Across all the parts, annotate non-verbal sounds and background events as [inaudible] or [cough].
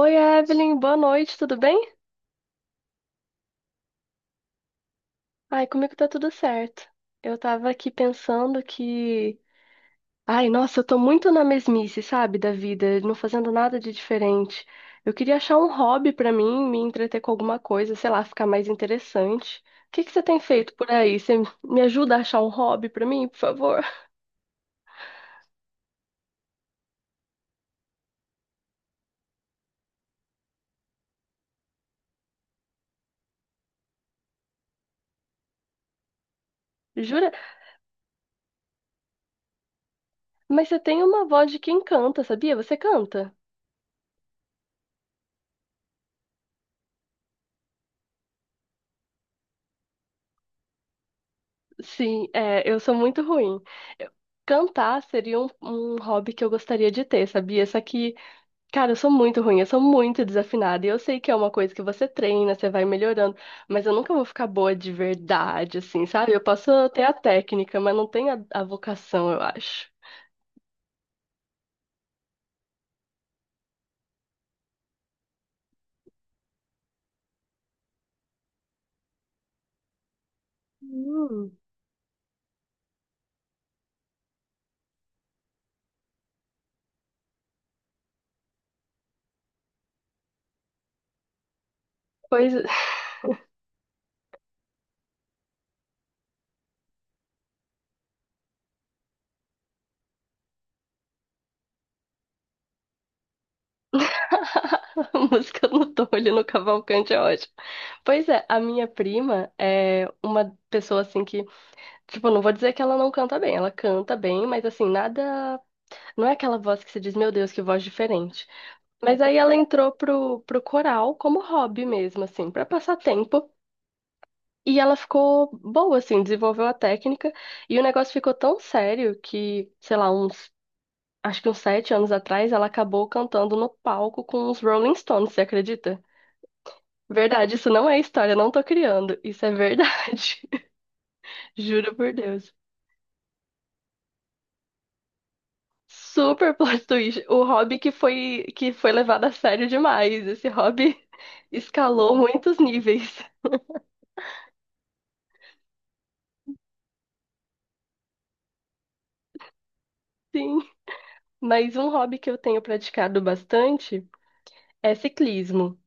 Oi, Evelyn, boa noite, tudo bem? Ai, comigo tá tudo certo. Eu tava aqui pensando que. Ai, nossa, eu tô muito na mesmice, sabe, da vida, não fazendo nada de diferente. Eu queria achar um hobby pra mim, me entreter com alguma coisa, sei lá, ficar mais interessante. O que que você tem feito por aí? Você me ajuda a achar um hobby pra mim, por favor? [laughs] Jura? Mas você tem uma voz de quem canta, sabia? Você canta? Sim, é, eu sou muito ruim. Eu- Cantar seria um hobby que eu gostaria de ter, sabia? Só que, cara, eu sou muito ruim, eu sou muito desafinada. E eu sei que é uma coisa que você treina, você vai melhorando, mas eu nunca vou ficar boa de verdade, assim, sabe? Eu posso ter a técnica, mas não tenho a vocação, eu acho. Hum. Pois. [laughs] A música no Tolho, no Cavalcante é ótimo. Pois é, a minha prima é uma pessoa assim que. Tipo, não vou dizer que ela não canta bem. Ela canta bem, mas assim, nada. Não é aquela voz que você diz, meu Deus, que voz diferente. Mas aí ela entrou pro coral como hobby mesmo, assim, pra passar tempo. E ela ficou boa, assim, desenvolveu a técnica. E o negócio ficou tão sério que, sei lá, uns. Acho que uns 7 anos atrás, ela acabou cantando no palco com os Rolling Stones, você acredita? Verdade, isso não é história, não tô criando. Isso é verdade. [laughs] Juro por Deus. Super plot twist. O hobby que foi levado a sério demais. Esse hobby [laughs] escalou muitos níveis. Sim, mas um hobby que eu tenho praticado bastante é ciclismo.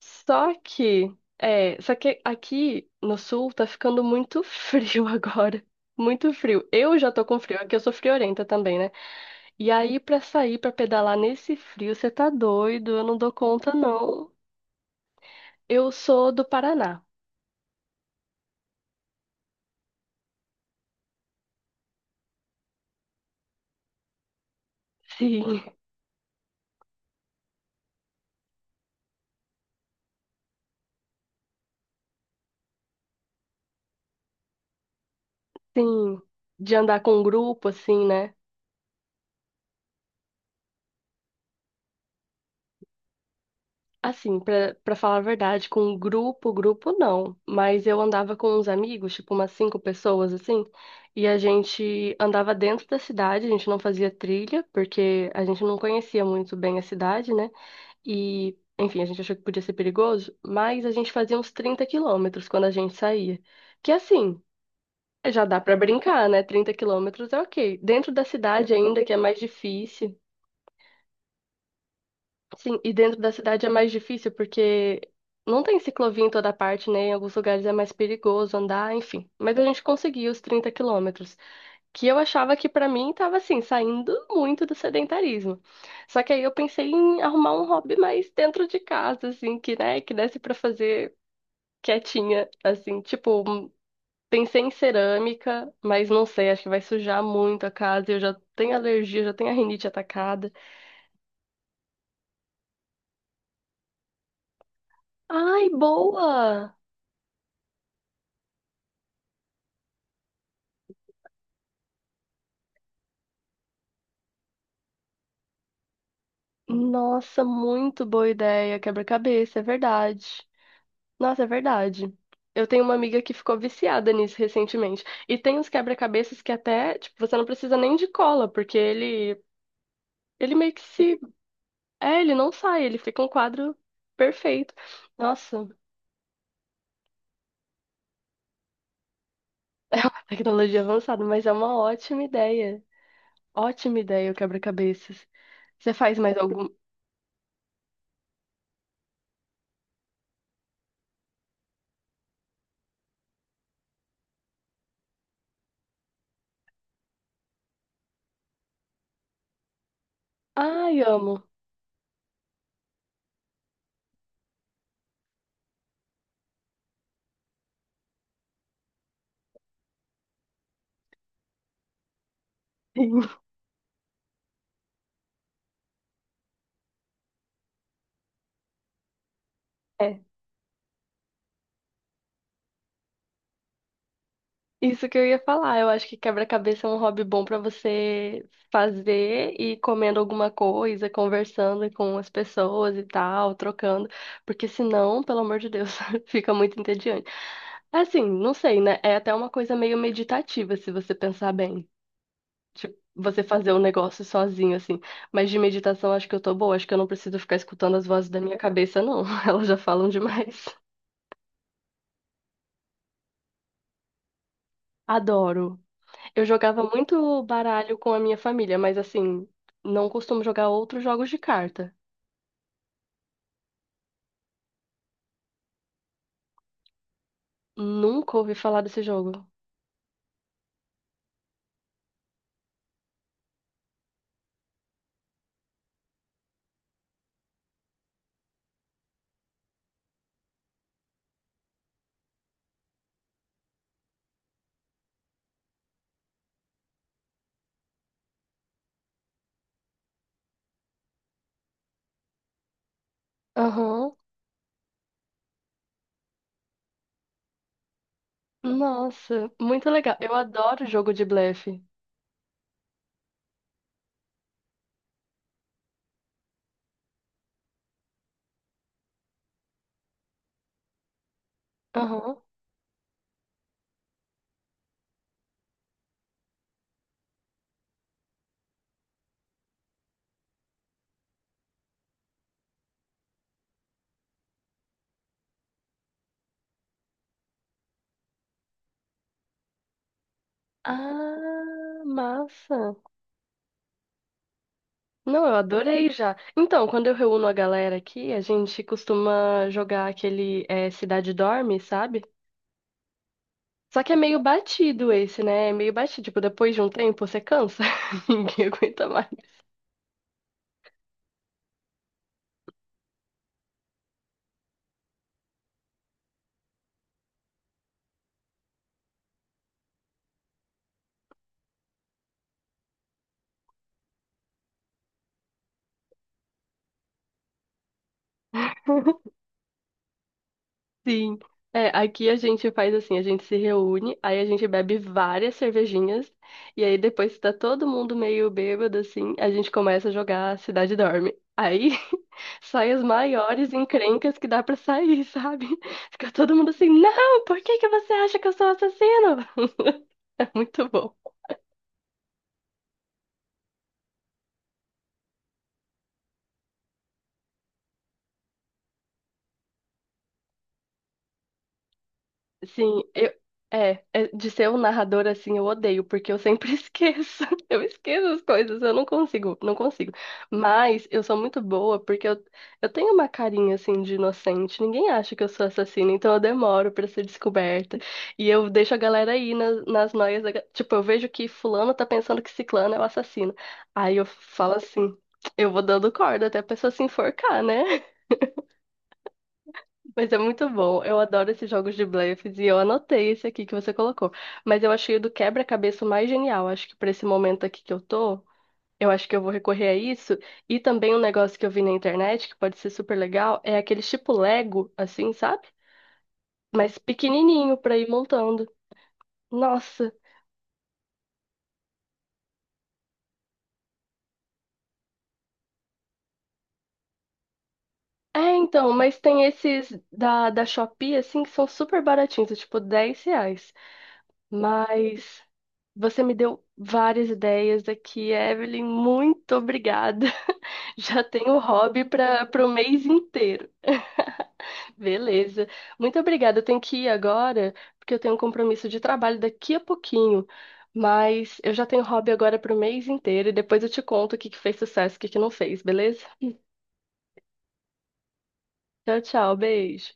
Só que só que aqui no sul tá ficando muito frio [laughs] agora. Muito frio. Eu já tô com frio, aqui eu sou friorenta também, né? E aí pra sair pra pedalar nesse frio, você tá doido? Eu não dou conta não. Eu sou do Paraná. Sim. Sim, de andar com um grupo, assim, né? Assim, pra falar a verdade, com um grupo, grupo não. Mas eu andava com uns amigos, tipo umas cinco pessoas, assim, e a gente andava dentro da cidade, a gente não fazia trilha, porque a gente não conhecia muito bem a cidade, né? E, enfim, a gente achou que podia ser perigoso, mas a gente fazia uns 30 quilômetros quando a gente saía. Que assim, já dá pra brincar, né? 30 quilômetros é ok. Dentro da cidade ainda, que é mais difícil. Sim, e dentro da cidade é mais difícil porque não tem ciclovia em toda parte, né? Em alguns lugares é mais perigoso andar, enfim. Mas a gente conseguiu os 30 quilômetros, que eu achava que pra mim tava assim, saindo muito do sedentarismo. Só que aí eu pensei em arrumar um hobby mais dentro de casa, assim, que, né, que desse pra fazer quietinha, assim, tipo, pensei em cerâmica, mas não sei, acho que vai sujar muito a casa, eu já tenho alergia, já tenho a rinite atacada. Ai, boa! Nossa, muito boa ideia. Quebra-cabeça, é verdade. Nossa, é verdade. Eu tenho uma amiga que ficou viciada nisso recentemente. E tem uns quebra-cabeças que até, tipo, você não precisa nem de cola, porque ele meio que se. É, ele não sai, ele fica um quadro perfeito. Nossa, tecnologia avançada, mas é uma ótima ideia. Ótima ideia o quebra-cabeças. Você faz mais algum? Ai, amo. [laughs] Sim. Isso que eu ia falar. Eu acho que quebra-cabeça é um hobby bom pra você fazer e ir comendo alguma coisa, conversando com as pessoas e tal, trocando, porque senão, pelo amor de Deus, [laughs] fica muito entediante. Assim, não sei, né? É até uma coisa meio meditativa, se você pensar bem. Tipo, você fazer um negócio sozinho, assim. Mas de meditação, acho que eu tô boa. Acho que eu não preciso ficar escutando as vozes da minha cabeça, não. [laughs] Elas já falam demais. Adoro. Eu jogava muito baralho com a minha família, mas assim, não costumo jogar outros jogos de carta. Nunca ouvi falar desse jogo. Aham. Nossa, muito legal. Eu adoro jogo de blefe. Aham. Ah, massa. Não, eu adorei já. Então, quando eu reúno a galera aqui, a gente costuma jogar aquele Cidade Dorme, sabe? Só que é meio batido esse, né? É meio batido. Tipo, depois de um tempo você cansa. [laughs] Ninguém aguenta mais. Sim. É, aqui a gente faz assim, a gente se reúne, aí a gente bebe várias cervejinhas, e aí depois que tá todo mundo meio bêbado, assim, a gente começa a jogar Cidade Dorme. Aí [laughs] saem as maiores encrencas que dá pra sair, [laughs] sabe? Fica todo mundo assim, não, por que que você acha que eu sou assassino? [laughs] É muito bom. Sim, de ser um narrador assim, eu odeio, porque eu sempre [laughs] esqueço. Eu esqueço as coisas, eu não consigo, não consigo. Mas eu sou muito boa porque eu tenho uma carinha assim de inocente. Ninguém acha que eu sou assassina, então eu demoro pra ser descoberta. E eu deixo a galera aí nas noias. Tipo, eu vejo que fulano tá pensando que ciclano é o assassino. Aí eu falo assim, eu vou dando corda até a pessoa se enforcar, né? Mas é muito bom. Eu adoro esses jogos de blefes e eu anotei esse aqui que você colocou. Mas eu achei o do quebra-cabeça o mais genial. Acho que para esse momento aqui que eu tô, eu acho que eu vou recorrer a isso. E também um negócio que eu vi na internet que pode ser super legal é aqueles tipo Lego, assim, sabe? Mas pequenininho para ir montando. Nossa. É, então, mas tem esses da Shopee, assim, que são super baratinhos, é tipo R$ 10. Mas você me deu várias ideias aqui, Evelyn. Muito obrigada. Já tenho hobby para o mês inteiro. [laughs] Beleza. Muito obrigada. Eu tenho que ir agora, porque eu tenho um compromisso de trabalho daqui a pouquinho. Mas eu já tenho hobby agora para o mês inteiro e depois eu te conto o que que fez sucesso e o que que não fez, beleza? Tchau, tchau. Beijo.